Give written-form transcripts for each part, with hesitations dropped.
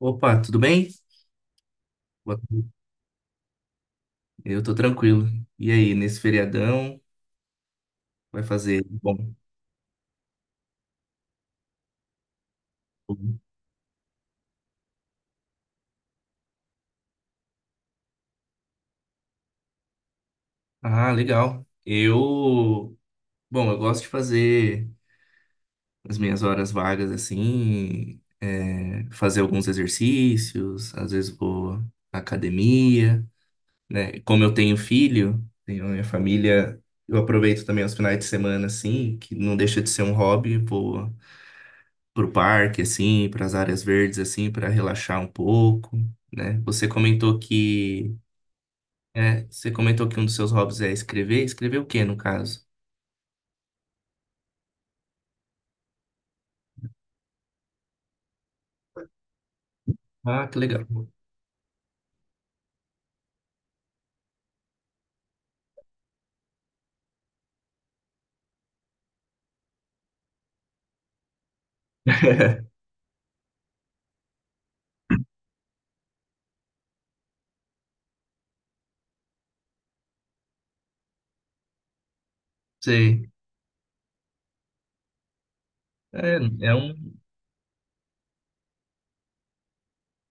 Opa, tudo bem? Boa tarde. Eu tô tranquilo. E aí, nesse feriadão, vai fazer? Bom. Ah, legal. Bom, eu gosto de fazer as minhas horas vagas assim, fazer alguns exercícios, às vezes vou à academia, né? Como eu tenho filho, tenho a minha família, eu aproveito também os finais de semana assim, que não deixa de ser um hobby, vou pro parque, assim, para as áreas verdes, assim, para relaxar um pouco, né? Você comentou que um dos seus hobbies é escrever. Escrever o quê, no caso? Ah, que legal. Sei. É, é um,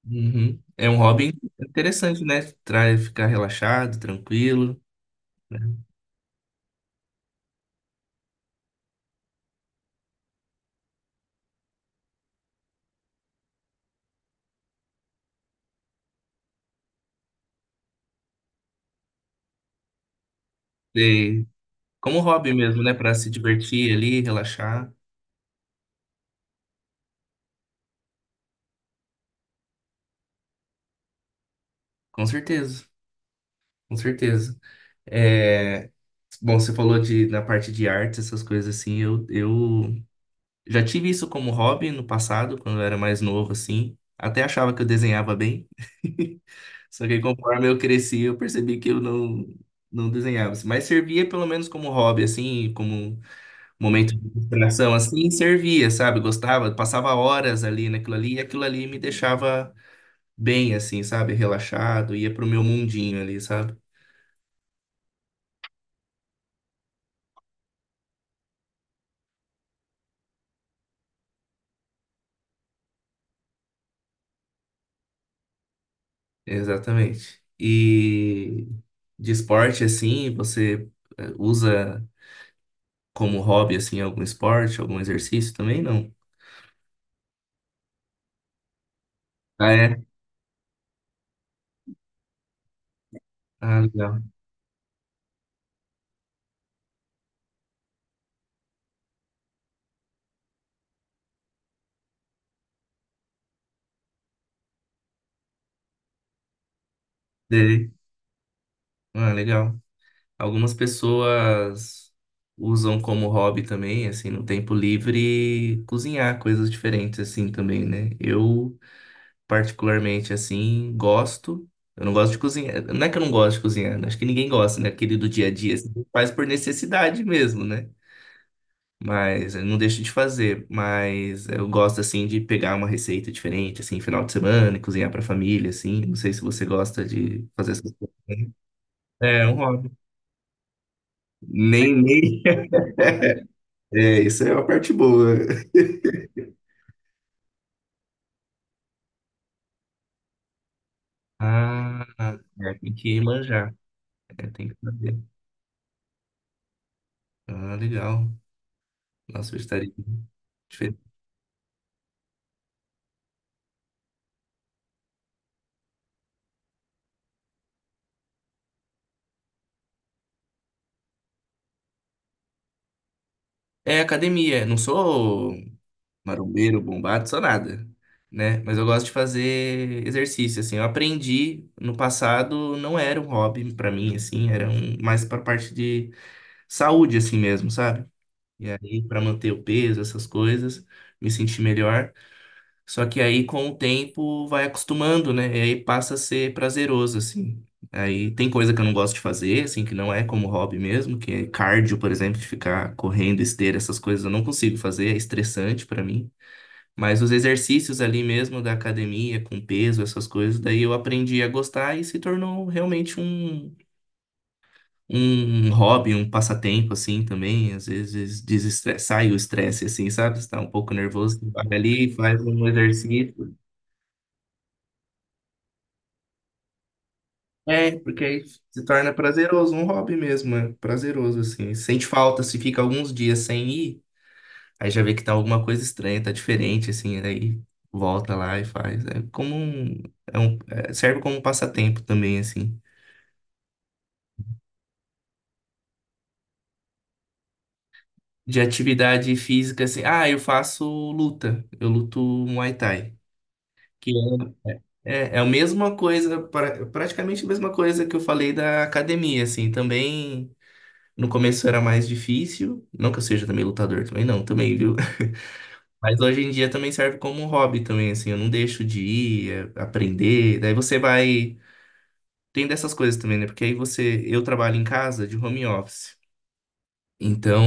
uhum. É um hobby interessante, né? Traz ficar relaxado, tranquilo, né? Sei. Como um hobby mesmo, né? Para se divertir ali, relaxar. Com certeza, com certeza. É, Bom, você falou na parte de artes, essas coisas assim, eu já tive isso como hobby no passado, quando eu era mais novo, assim. Até achava que eu desenhava bem. Só que conforme eu cresci, eu percebi que eu não desenhava, assim. Mas servia pelo menos como hobby, assim, como momento de distração, assim, servia, sabe? Gostava, passava horas ali naquilo ali, e aquilo ali me deixava bem, assim, sabe? Relaxado, ia pro meu mundinho ali, sabe? Exatamente. E de esporte, assim, você usa como hobby, assim, algum esporte, algum exercício também? Não. Ah, é? Ah, legal. Dei. Ah, legal. Algumas pessoas usam como hobby também, assim, no tempo livre, cozinhar coisas diferentes, assim, também, né? Eu, particularmente, assim, gosto. Eu não gosto de cozinhar. Não é que eu não gosto de cozinhar, né? Acho que ninguém gosta, né? Aquele do dia a dia, assim, faz por necessidade mesmo, né? Mas eu não deixo de fazer, mas eu gosto assim de pegar uma receita diferente, assim, final de semana, e cozinhar pra família, assim. Não sei se você gosta de fazer essas coisas, né? É, um hobby. Nem, nem. É, isso é a parte boa. Ah, é, tem que manjar. É, tem que saber. Ah, legal. Nossa, vegetariano. Difer- É academia. Não sou. Marombeiro, bombado, sou nada, né? Mas eu gosto de fazer exercício, assim. Eu aprendi no passado, não era um hobby pra mim, assim, mais pra parte de saúde, assim mesmo, sabe? E aí, pra manter o peso, essas coisas, me sentir melhor. Só que aí, com o tempo, vai acostumando, né? E aí passa a ser prazeroso, assim. Aí tem coisa que eu não gosto de fazer, assim, que não é como hobby mesmo, que é cardio, por exemplo, de ficar correndo, esteira, essas coisas eu não consigo fazer, é estressante pra mim. Mas os exercícios ali mesmo da academia, com peso, essas coisas, daí eu aprendi a gostar e se tornou realmente um hobby, um passatempo, assim, também. Às vezes desestressa, sai o estresse, assim, sabe? Você tá um pouco nervoso, você vai ali, faz um exercício. É, porque aí se torna prazeroso, um hobby mesmo, é prazeroso, assim. Sente falta, se fica alguns dias sem ir. Aí já vê que tá alguma coisa estranha, tá diferente, assim, aí volta lá e faz. É como um- é- Serve como um passatempo também, assim. De atividade física, assim, ah, eu faço luta, eu luto Muay Thai. Que é a mesma coisa, praticamente a mesma coisa que eu falei da academia, assim, também no começo era mais difícil, não que eu seja também lutador, também não, também, viu? Mas hoje em dia também serve como um hobby também, assim, eu não deixo de ir, aprender, daí você vai tem dessas coisas também, né? Porque aí eu trabalho em casa de home office. Então,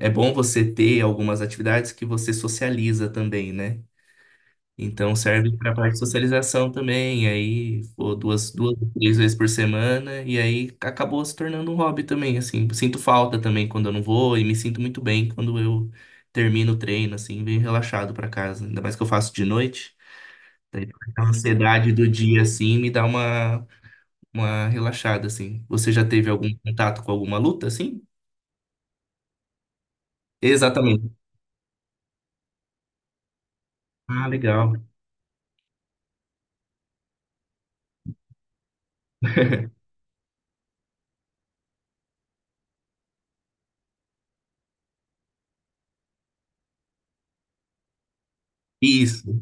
é bom você ter algumas atividades que você socializa também, né? Então, serve para parte de socialização também. Aí, pô, duas, duas, três vezes por semana. E aí, acabou se tornando um hobby também, assim. Sinto falta também quando eu não vou. E me sinto muito bem quando eu termino o treino, assim, venho relaxado para casa. Ainda mais que eu faço de noite. Daí, a ansiedade do dia, assim, me dá uma relaxada, assim. Você já teve algum contato com alguma luta, assim? Exatamente. Ah, legal. Isso.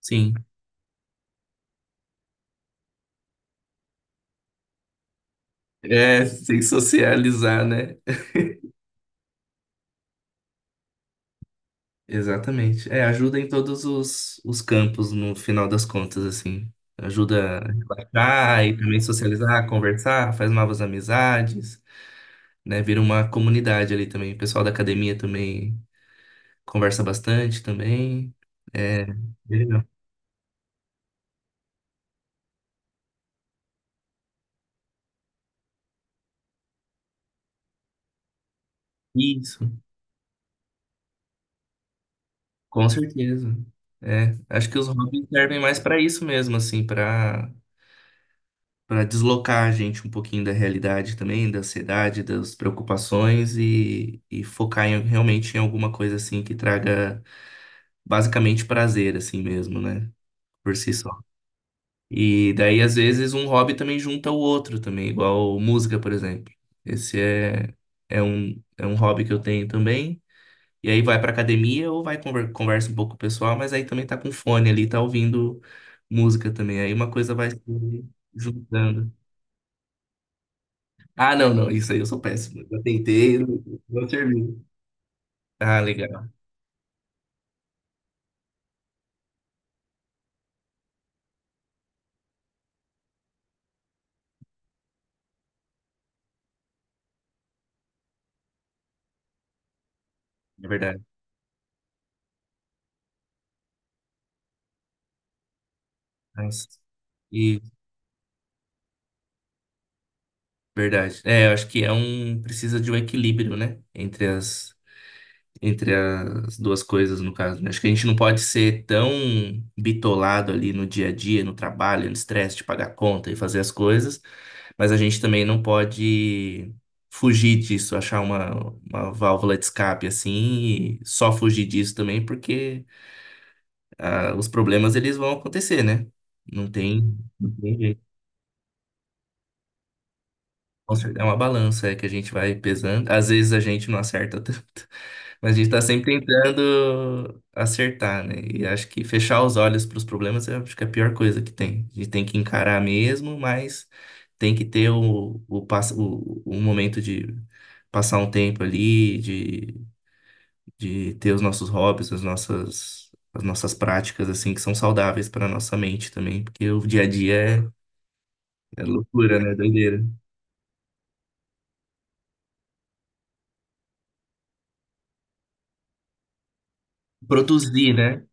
Sim. É, sem socializar, né? Exatamente. É, ajuda em todos os campos, no final das contas, assim. Ajuda a relaxar e também socializar, conversar, faz novas amizades, né? Vira uma comunidade ali também. O pessoal da academia também conversa bastante também. É legal. Isso. Com certeza. É, acho que os hobbies servem mais para isso mesmo, assim, para deslocar a gente um pouquinho da realidade também, da ansiedade, das preocupações e focar realmente em alguma coisa assim que traga basicamente prazer assim mesmo, né? Por si só. E daí às vezes um hobby também junta o outro também, igual música, por exemplo. Esse é é um é um hobby que eu tenho também. E aí vai pra academia ou vai conversa um pouco com o pessoal, mas aí também tá com fone ali, tá ouvindo música também. Aí uma coisa vai se juntando. Ah, não, não, isso aí eu sou péssimo. Eu tentei, não serviu. Ah, legal, é verdade. Nossa. E verdade. É, eu acho que precisa de um equilíbrio, né, entre as duas coisas, no caso, né? Acho que a gente não pode ser tão bitolado ali no dia a dia, no trabalho, no estresse de pagar conta e fazer as coisas, mas a gente também não pode fugir disso, achar uma válvula de escape assim e só fugir disso também, porque ah, os problemas eles vão acontecer, né? Não tem, não tem jeito. Com certeza. É uma balança é que a gente vai pesando. Às vezes a gente não acerta tanto, mas a gente está sempre tentando acertar, né? E acho que fechar os olhos para os problemas eu acho que é a pior coisa que tem. A gente tem que encarar mesmo, mas tem que ter o momento de passar um tempo ali, de ter os nossos hobbies, as nossas práticas, assim, que são saudáveis para a nossa mente também, porque o dia a dia é loucura, né? Doideira. Produzir, né?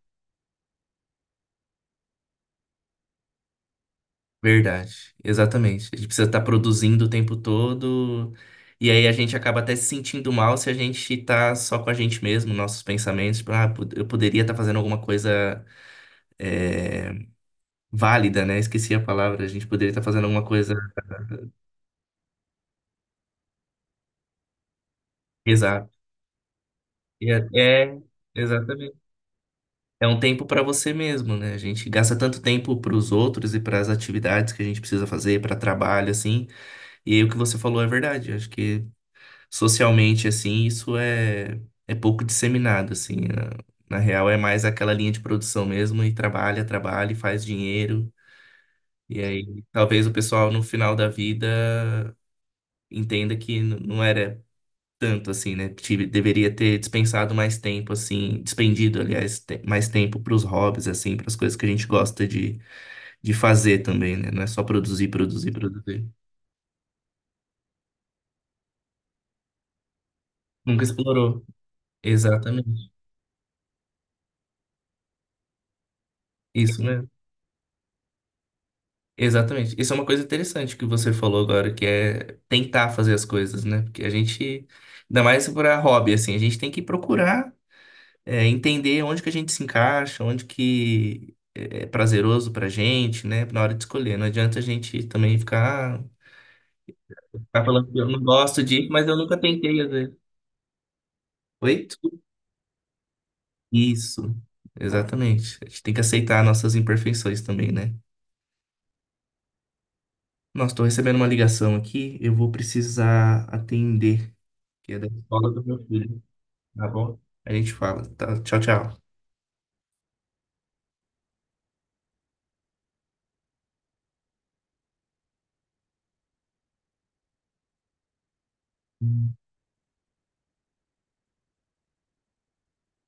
Verdade, exatamente. A gente precisa estar produzindo o tempo todo, e aí a gente acaba até se sentindo mal se a gente tá só com a gente mesmo, nossos pensamentos, tipo, ah, eu poderia estar fazendo alguma coisa é, válida, né? Esqueci a palavra, a gente poderia estar fazendo alguma coisa. Exato. E É, é, Exatamente. É um tempo para você mesmo, né? A gente gasta tanto tempo para os outros e para as atividades que a gente precisa fazer, para trabalho, assim. E aí o que você falou é verdade. Acho que socialmente assim, isso é é pouco disseminado assim. Na real é mais aquela linha de produção mesmo e trabalha, trabalha e faz dinheiro. E aí talvez o pessoal no final da vida entenda que não era tanto assim, né? Deveria ter dispensado mais tempo assim, despendido, aliás, mais tempo para os hobbies assim, para as coisas que a gente gosta de fazer também, né? Não é só produzir, produzir, produzir. Nunca explorou. Exatamente. Isso. Exatamente. Isso é uma coisa interessante que você falou agora, que é tentar fazer as coisas, né? Porque a gente, ainda mais para hobby, assim, a gente tem que procurar, entender onde que a gente se encaixa, onde que é prazeroso pra gente, né? Na hora de escolher. Não adianta a gente também ficar falando que eu não gosto de, mas eu nunca tentei, às vezes. Oi? Desculpa. Isso. Exatamente. A gente tem que aceitar nossas imperfeições também, né? Nossa, tô recebendo uma ligação aqui, eu vou precisar atender, que é da escola do meu filho, tá bom? A gente fala, tá? Tchau, tchau.